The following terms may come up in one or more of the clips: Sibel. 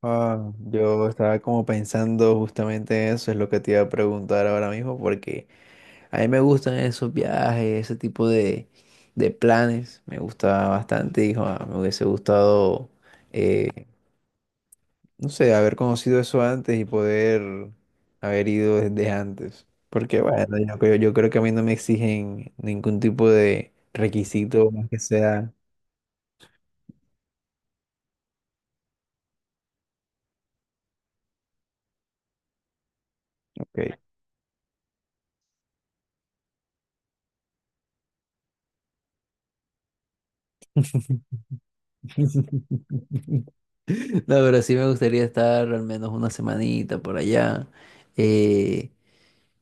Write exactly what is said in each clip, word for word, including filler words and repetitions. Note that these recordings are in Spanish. Ah, yo estaba como pensando justamente eso, es lo que te iba a preguntar ahora mismo, porque a mí me gustan esos viajes, ese tipo de, de planes, me gusta bastante, hijo, ah, me hubiese gustado, eh, no sé, haber conocido eso antes y poder haber ido desde antes, porque bueno, yo creo, yo creo que a mí no me exigen ningún tipo de requisito más que sea, ok. No, pero sí me gustaría estar al menos una semanita por allá. Eh,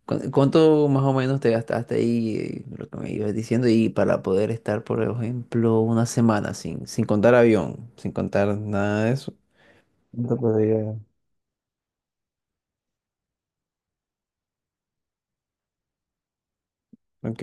¿cu- ¿Cuánto más o menos te gastaste ahí, eh, lo que me ibas diciendo? Y para poder estar, por ejemplo, una semana sin, sin contar avión, sin contar nada de eso. ¿Cuánto podría? Ok.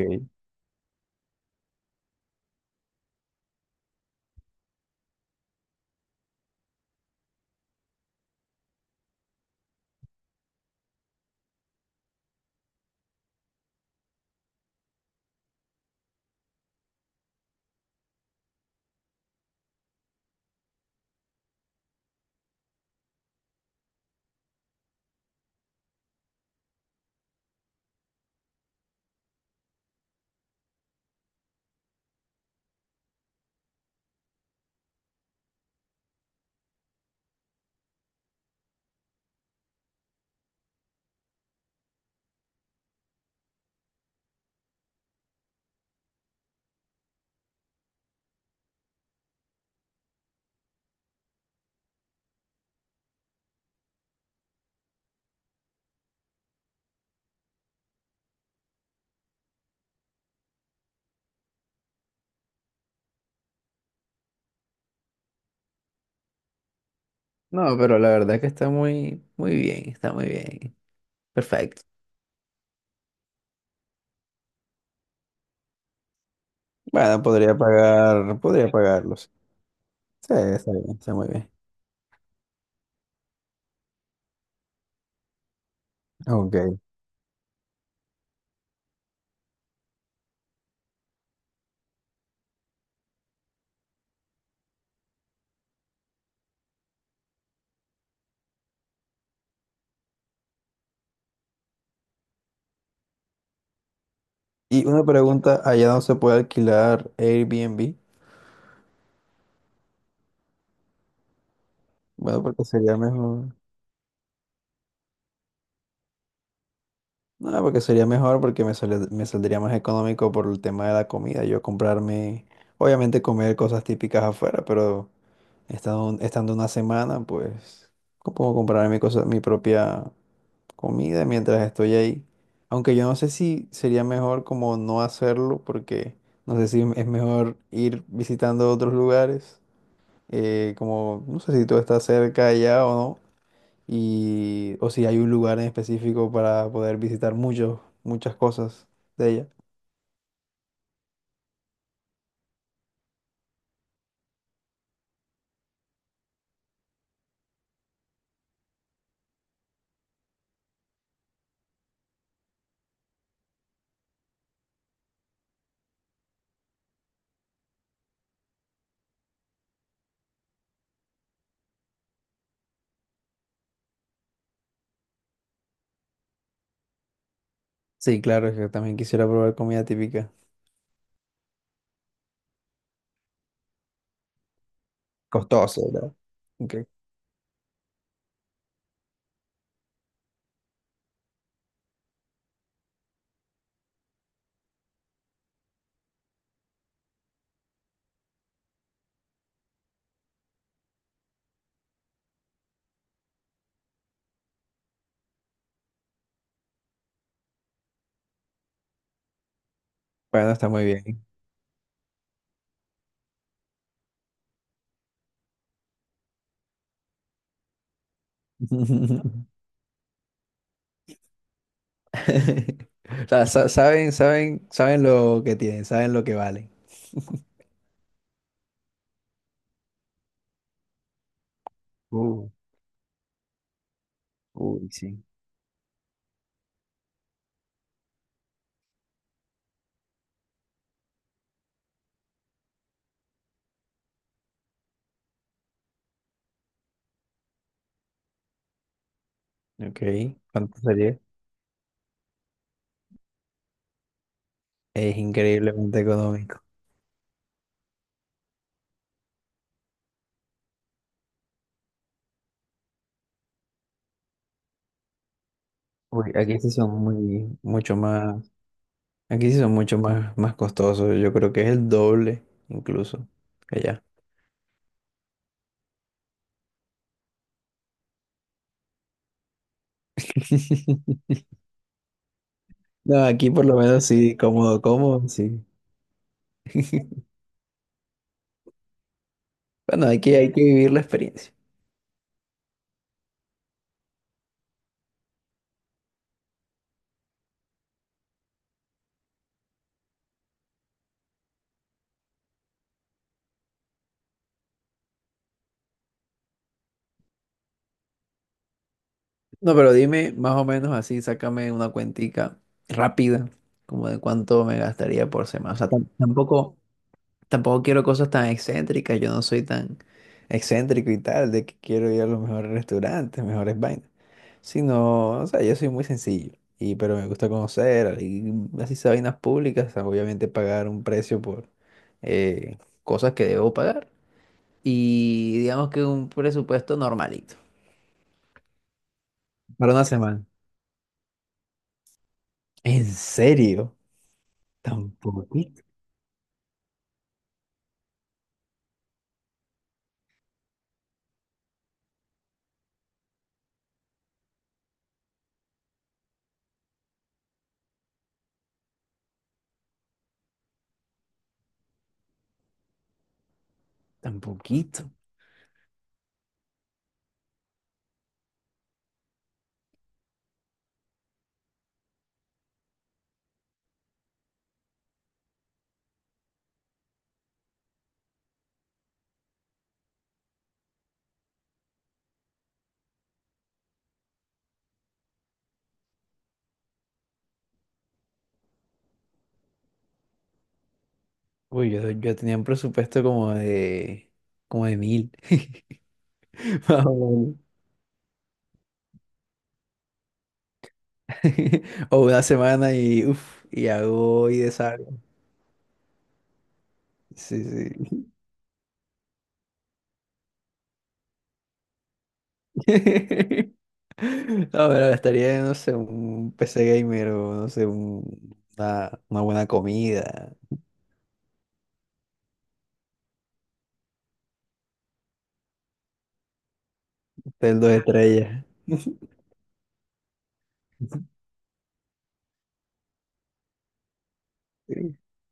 No, pero la verdad que está muy, muy bien, está muy bien. Perfecto. Bueno, podría pagar, podría pagarlos. Sí, está bien, está muy bien. Ok. Y una pregunta, ¿allá no se puede alquilar Airbnb? Bueno, porque sería mejor. No, porque sería mejor porque me sale- me saldría más económico por el tema de la comida. Yo comprarme, obviamente comer cosas típicas afuera, pero estando, estando una semana, pues co- puedo comprarme cosas, mi propia comida mientras estoy ahí. Aunque yo no sé si sería mejor como no hacerlo, porque no sé si es mejor ir visitando otros lugares. Eh, como, no sé si tú estás cerca allá o no. Y o si hay un lugar en específico para poder visitar muchos, muchas cosas de ella. Sí, claro, es que también quisiera probar comida típica. Costoso, ¿verdad? Ok. Bueno, está muy bien. O sea, sa- saben, saben, saben lo que tienen, saben lo que valen. Uh, uy, sí. Ok, ¿cuánto sería? Es increíblemente económico. Uy, aquí sí son muy, Mucho más. Aquí sí son mucho más, más costosos. Yo creo que es el doble, incluso, que allá. No, aquí por lo menos sí, cómodo, cómodo, sí. Bueno, aquí hay que vivir la experiencia. No, pero dime más o menos así, sácame una cuentica rápida, como de cuánto me gastaría por semana. O sea, tam- tampoco, tampoco quiero cosas tan excéntricas, yo no soy tan excéntrico y tal, de que quiero ir a los mejores restaurantes, mejores vainas. Sí, no, o sea, yo soy muy sencillo, y, pero me gusta conocer, y así sea vainas públicas, obviamente pagar un precio por eh, cosas que debo pagar, y digamos que un presupuesto normalito, para una semana. ¿En serio? ¿Tan poquito? ¿Tan poquito? Uy, yo, yo tenía un presupuesto como de, como de mil, más o menos. O una semana y, uff, y hago y deshago. Sí, sí. No, pero gastaría, no sé, un P C gamer o no sé, un- una, una buena comida, un hotel dos estrellas.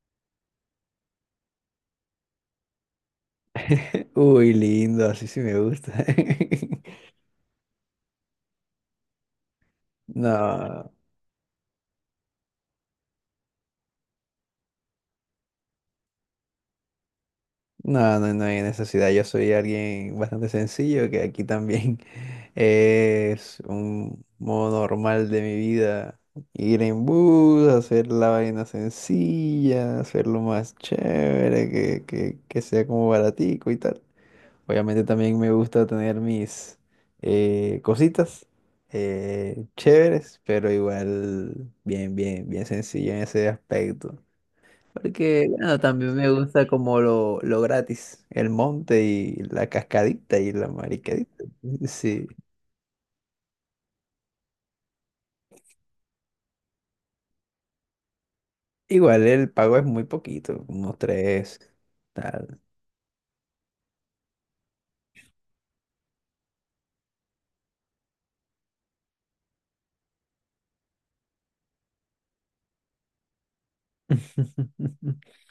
Uy, lindo, así sí me gusta. No, No, no, no hay necesidad. Yo soy alguien bastante sencillo, que aquí también es un modo normal de mi vida. Ir en bus, hacer la vaina sencilla, hacerlo más chévere, que, que, que sea como baratico y tal. Obviamente también me gusta tener mis eh, cositas eh, chéveres, pero igual bien, bien, bien sencillo en ese aspecto. Porque, bueno, también me gusta como lo, lo gratis, el monte y la cascadita y la maricadita. Sí. Igual el pago es muy poquito, unos tres, tal.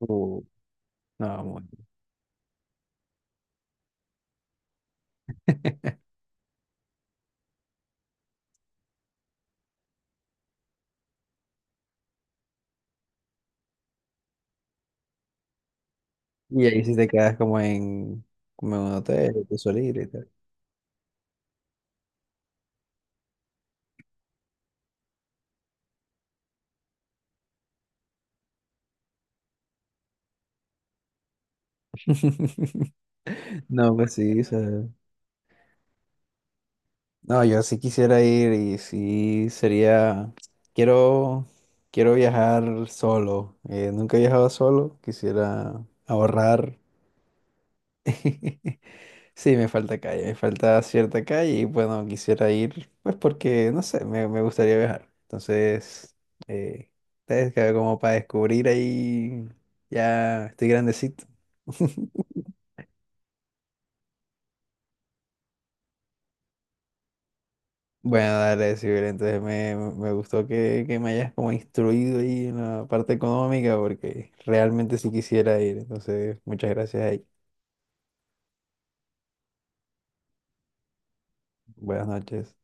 Uh, no, muy- Y ahí sí te quedas como en, como en un hotel, tú solito y tal. No, pues sí, o sea. No, yo sí quisiera ir y sí sería, quiero, quiero viajar solo. Eh, nunca he viajado solo, quisiera ahorrar. Sí, me falta calle, me falta cierta calle y bueno, quisiera ir, pues porque, no sé, me, me gustaría viajar. Entonces, eh, es que como para descubrir ahí, ya estoy grandecito. Bueno, dale, Sibel, entonces me, me gustó que, que me hayas como instruido ahí en la parte económica porque realmente sí quisiera ir. Entonces, muchas gracias ahí. Buenas noches.